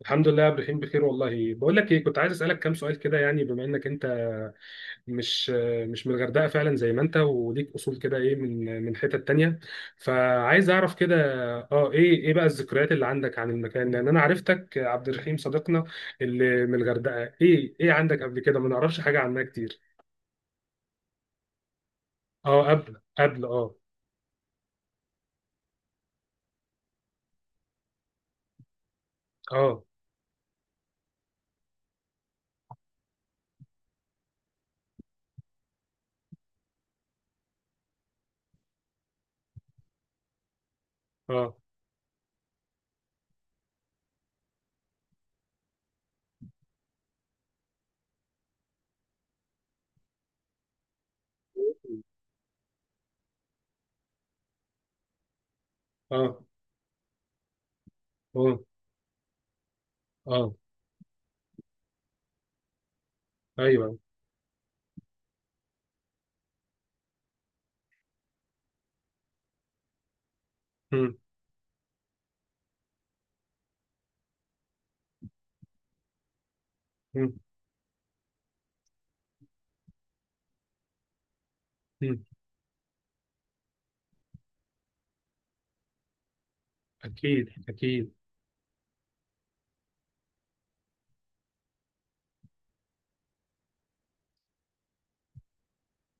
الحمد لله يا ابراهيم، بخير والله. بقول لك ايه، كنت عايز اسالك كام سؤال كده يعني، بما انك انت مش مش من الغردقه فعلا، زي ما انت وليك اصول كده، ايه من حتت تانية؟ فعايز اعرف كده. اه، ايه بقى الذكريات اللي عندك عن المكان؟ لان انا عرفتك عبد الرحيم صديقنا اللي من الغردقه، ايه عندك قبل كده؟ ما نعرفش حاجه عنها كتير. اه، قبل اه. اه. اه. اه. اه. ايوه. مم. مم. مم. اكيد اكيد.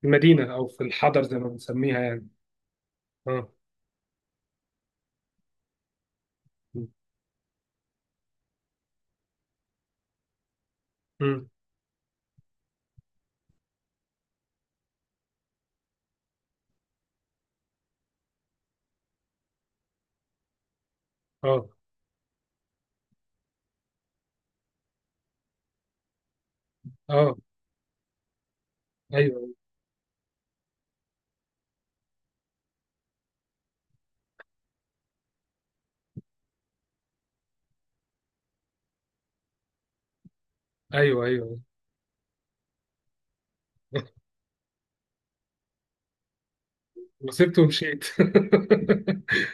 في المدينة أو في الحضر زي ما بنسميها يعني. اه. امم. اه. اه. أيوه. أيوه. أيوه. وسبته ومشيت.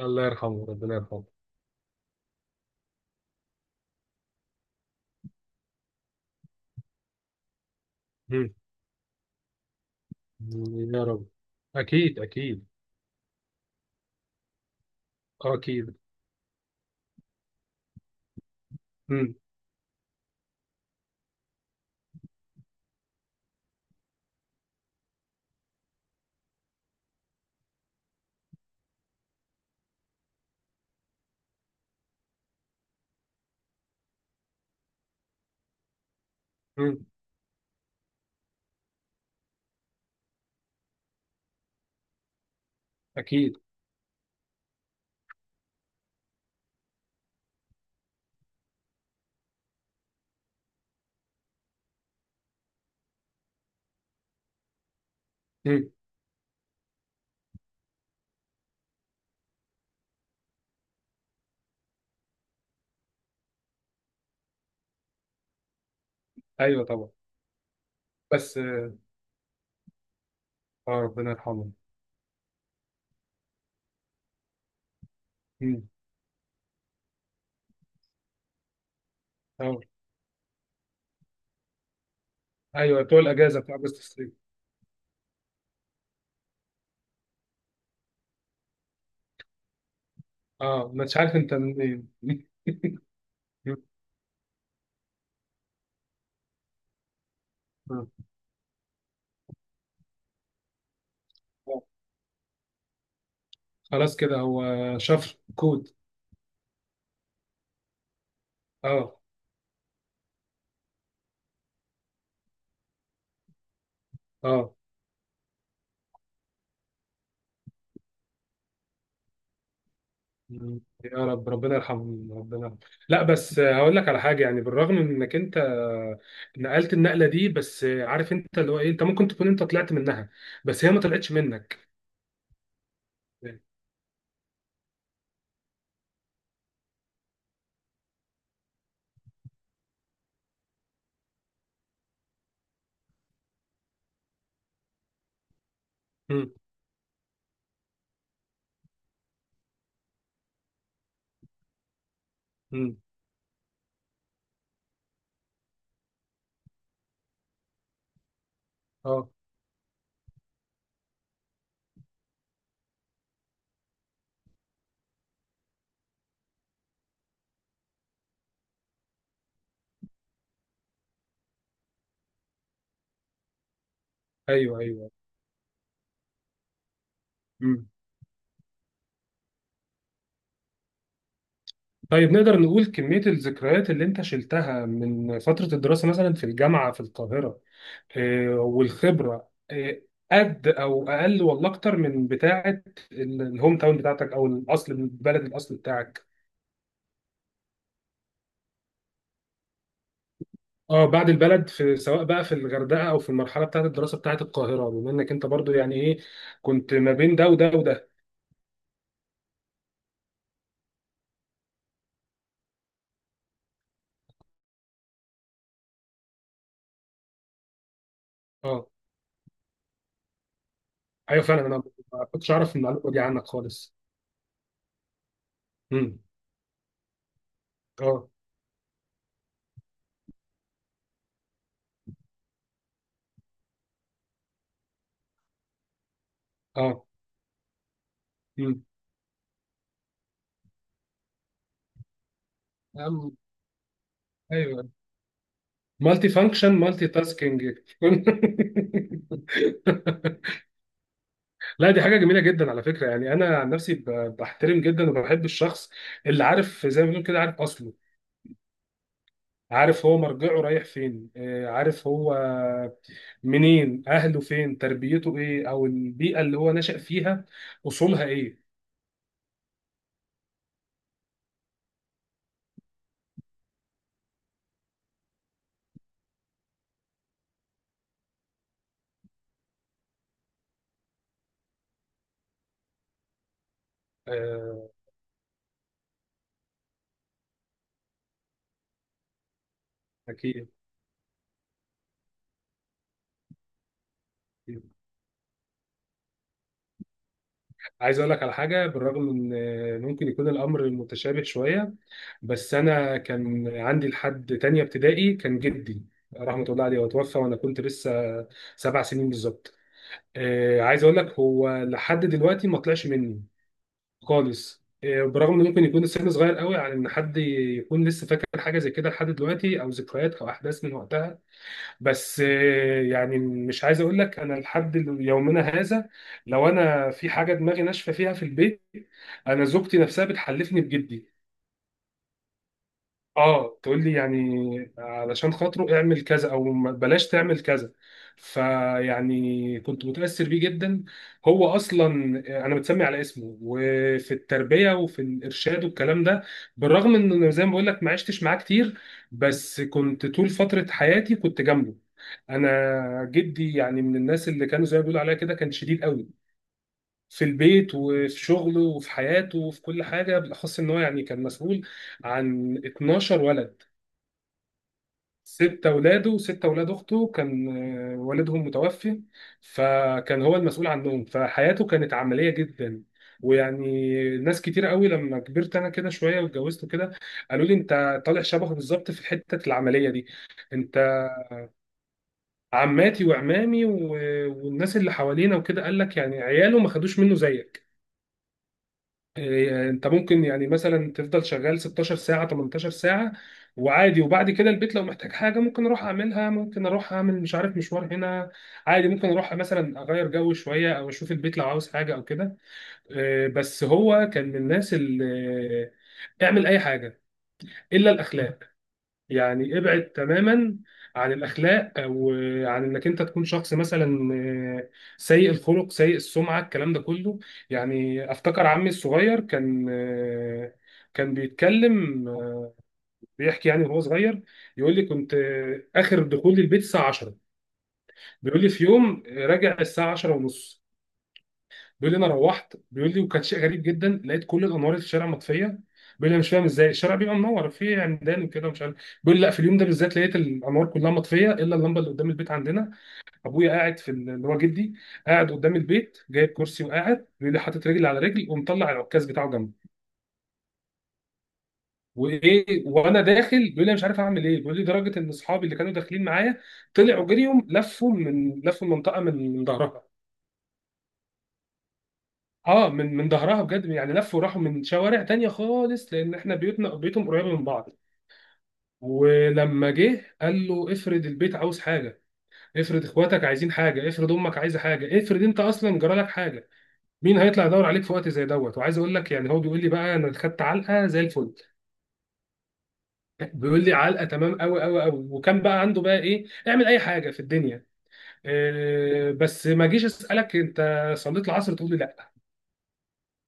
الله يرحمه، ربنا يرحمه. مم. يا رب. أكيد أكيد. اه، أكيد. مم. مم. أكيد. مم. أيوه طبعا. بس اه. ربنا يرحمه. مم. اه، أيوه بتوع الأجازة، بتاع أجازة الصيف. اه، ما أنتش عارف أنت منين. مم. آه. خلاص كده هو، شفر كود. اه. اه. مم. يا رب، ربنا يرحمهم، ربنا يرحمهم. لا بس هقول لك على حاجه، يعني بالرغم من انك انت نقلت النقله دي، بس عارف انت اللي هو ايه، انت ممكن تكون انت طلعت منها، بس هي ما طلعتش منك. مم. مم. اه. ايوه ايوه. مم. طيب، نقدر نقول كميه الذكريات اللي انت شلتها من فتره الدراسه مثلا في الجامعه في القاهره والخبره، قد او اقل ولا اكتر من بتاعه الهوم تاون بتاعتك، او الاصل، البلد الاصل بتاعك؟ اه، بعد البلد في، سواء بقى في الغردقه او في المرحله بتاعه الدراسه بتاعه القاهره، بما انك انت برضو يعني ايه، كنت ما بين ده وده وده. اه، ايوه فعلا. انا ما كنتش اعرف المعلومه دي عنك خالص. امم. اه. اه. امم. أم- ايوه. مالتي فانكشن، مالتي تاسكينج. لا، دي حاجه جميله جدا على فكره. يعني انا عن نفسي بحترم جدا وبحب الشخص اللي عارف، زي ما بنقول كده، عارف اصله، عارف هو مرجعه رايح فين، عارف هو منين، اهله فين، تربيته ايه، او البيئه اللي هو نشأ فيها اصولها ايه. آه، اكيد. عايز اقول لك على حاجه، بالرغم من ممكن يكون الامر متشابه شويه، بس انا كان عندي لحد تانية ابتدائي كان جدي رحمه الله عليه، وتوفى وانا كنت لسه 7 سنين بالظبط. عايز اقول لك، هو لحد دلوقتي ما طلعش مني خالص. برغم ان ممكن يكون السن صغير قوي على ان حد يكون لسه فاكر حاجه زي كده لحد دلوقتي، او ذكريات او احداث من وقتها، بس يعني مش عايز اقول لك، انا لحد يومنا هذا لو انا في حاجه دماغي ناشفه فيها في البيت، انا زوجتي نفسها بتحلفني بجدي. اه، تقول لي يعني علشان خاطره اعمل كذا، او بلاش تعمل كذا. فيعني كنت متأثر بيه جدا. هو اصلا، انا متسمي على اسمه. وفي التربية وفي الارشاد والكلام ده، بالرغم ان أنا زي ما بقول لك ما عشتش معاه كتير، بس كنت طول فترة حياتي كنت جنبه. انا جدي يعني من الناس اللي كانوا زي ما بيقولوا عليها كده، كان شديد قوي في البيت وفي شغله وفي حياته وفي كل حاجة، بالأخص إن هو يعني كان مسؤول عن 12 ولد. ست اولاده وست اولاد اخته كان والدهم متوفي، فكان هو المسؤول عنهم، فحياته كانت عمليه جدا. ويعني ناس كتير قوي لما كبرت انا كده شويه واتجوزت كده، قالوا لي انت طالع شبهه بالظبط في حته العمليه دي. انت عماتي وعمامي والناس اللي حوالينا وكده، قال لك يعني عياله ما خدوش منه زيك. إيه، انت ممكن يعني مثلا تفضل شغال 16 ساعة، 18 ساعة، وعادي. وبعد كده البيت لو محتاج حاجة ممكن اروح اعملها، ممكن اروح اعمل مش عارف مشوار هنا، عادي. ممكن اروح مثلا اغير جو شوية او اشوف البيت لو عاوز حاجة او كده. إيه، بس هو كان من الناس اللي اعمل اي حاجة الا الاخلاق. يعني ابعد تماما عن الاخلاق، او عن انك انت تكون شخص مثلا آه، سيء الخلق، سيء السمعه، الكلام ده كله. يعني افتكر عمي الصغير كان كان بيتكلم، بيحكي يعني وهو صغير، يقول لي كنت اخر دخول البيت الساعه 10. بيقول لي في يوم راجع الساعه 10 ونص. بيقول لي انا روحت، بيقول لي وكان شيء غريب جدا، لقيت كل الانوار اللي في الشارع مطفيه. بيقول لي انا مش فاهم ازاي الشارع بيبقى منور في عمدان وكده، ومش عارف. بيقول لي لا، في اليوم ده بالذات لقيت الانوار كلها مطفيه الا اللمبه اللي قدام البيت عندنا. ابويا قاعد في اللي هو جدي، قاعد قدام البيت جايب كرسي وقاعد، بيقول لي حاطط رجل على رجل ومطلع العكاز بتاعه جنبه، وايه. وانا داخل، بيقول لي أنا مش عارف اعمل ايه. بيقول لي لدرجه ان اصحابي اللي كانوا داخلين معايا طلعوا جريهم، لفوا المنطقه من ظهرها. اه، من ظهرها بجد، يعني لفوا وراحوا من شوارع تانية خالص، لان احنا بيوتنا بيوتهم قريبه من بعض. ولما جه قال له افرض البيت عاوز حاجه، افرض اخواتك عايزين حاجه، افرض امك عايزه حاجه، افرض انت اصلا جرالك حاجه، مين هيطلع يدور عليك في وقت زي دوت؟ وعايز اقول لك يعني، هو بيقول لي بقى انا خدت علقه زي الفل. بيقول لي علقه تمام قوي قوي قوي. وكان بقى عنده بقى ايه، اعمل اي حاجه في الدنيا، إيه، بس ما جيش اسالك انت صليت العصر تقول لي لا.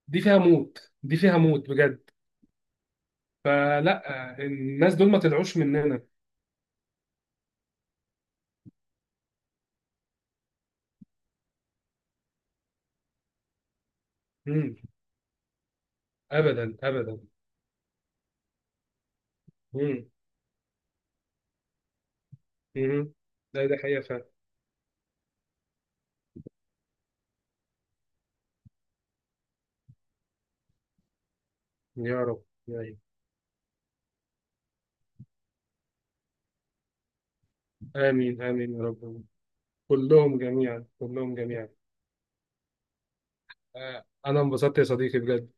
دي فيها موت، دي فيها موت بجد. فلا، الناس دول ما طلعوش مننا. مم. ابدا ابدا. مم. مم. لا، ده حقيقة فعلا. يا رب يا رب. امين امين يا رب، كلهم جميعا، كلهم جميعا. انا انبسطت يا صديقي بجد.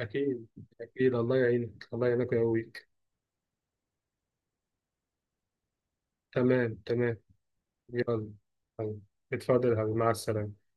اكيد اكيد. الله يعينك، الله يعينك ويقويك. تمام تمام. يلا. يلا. اتفضل يا حبيبي، مع السلامة.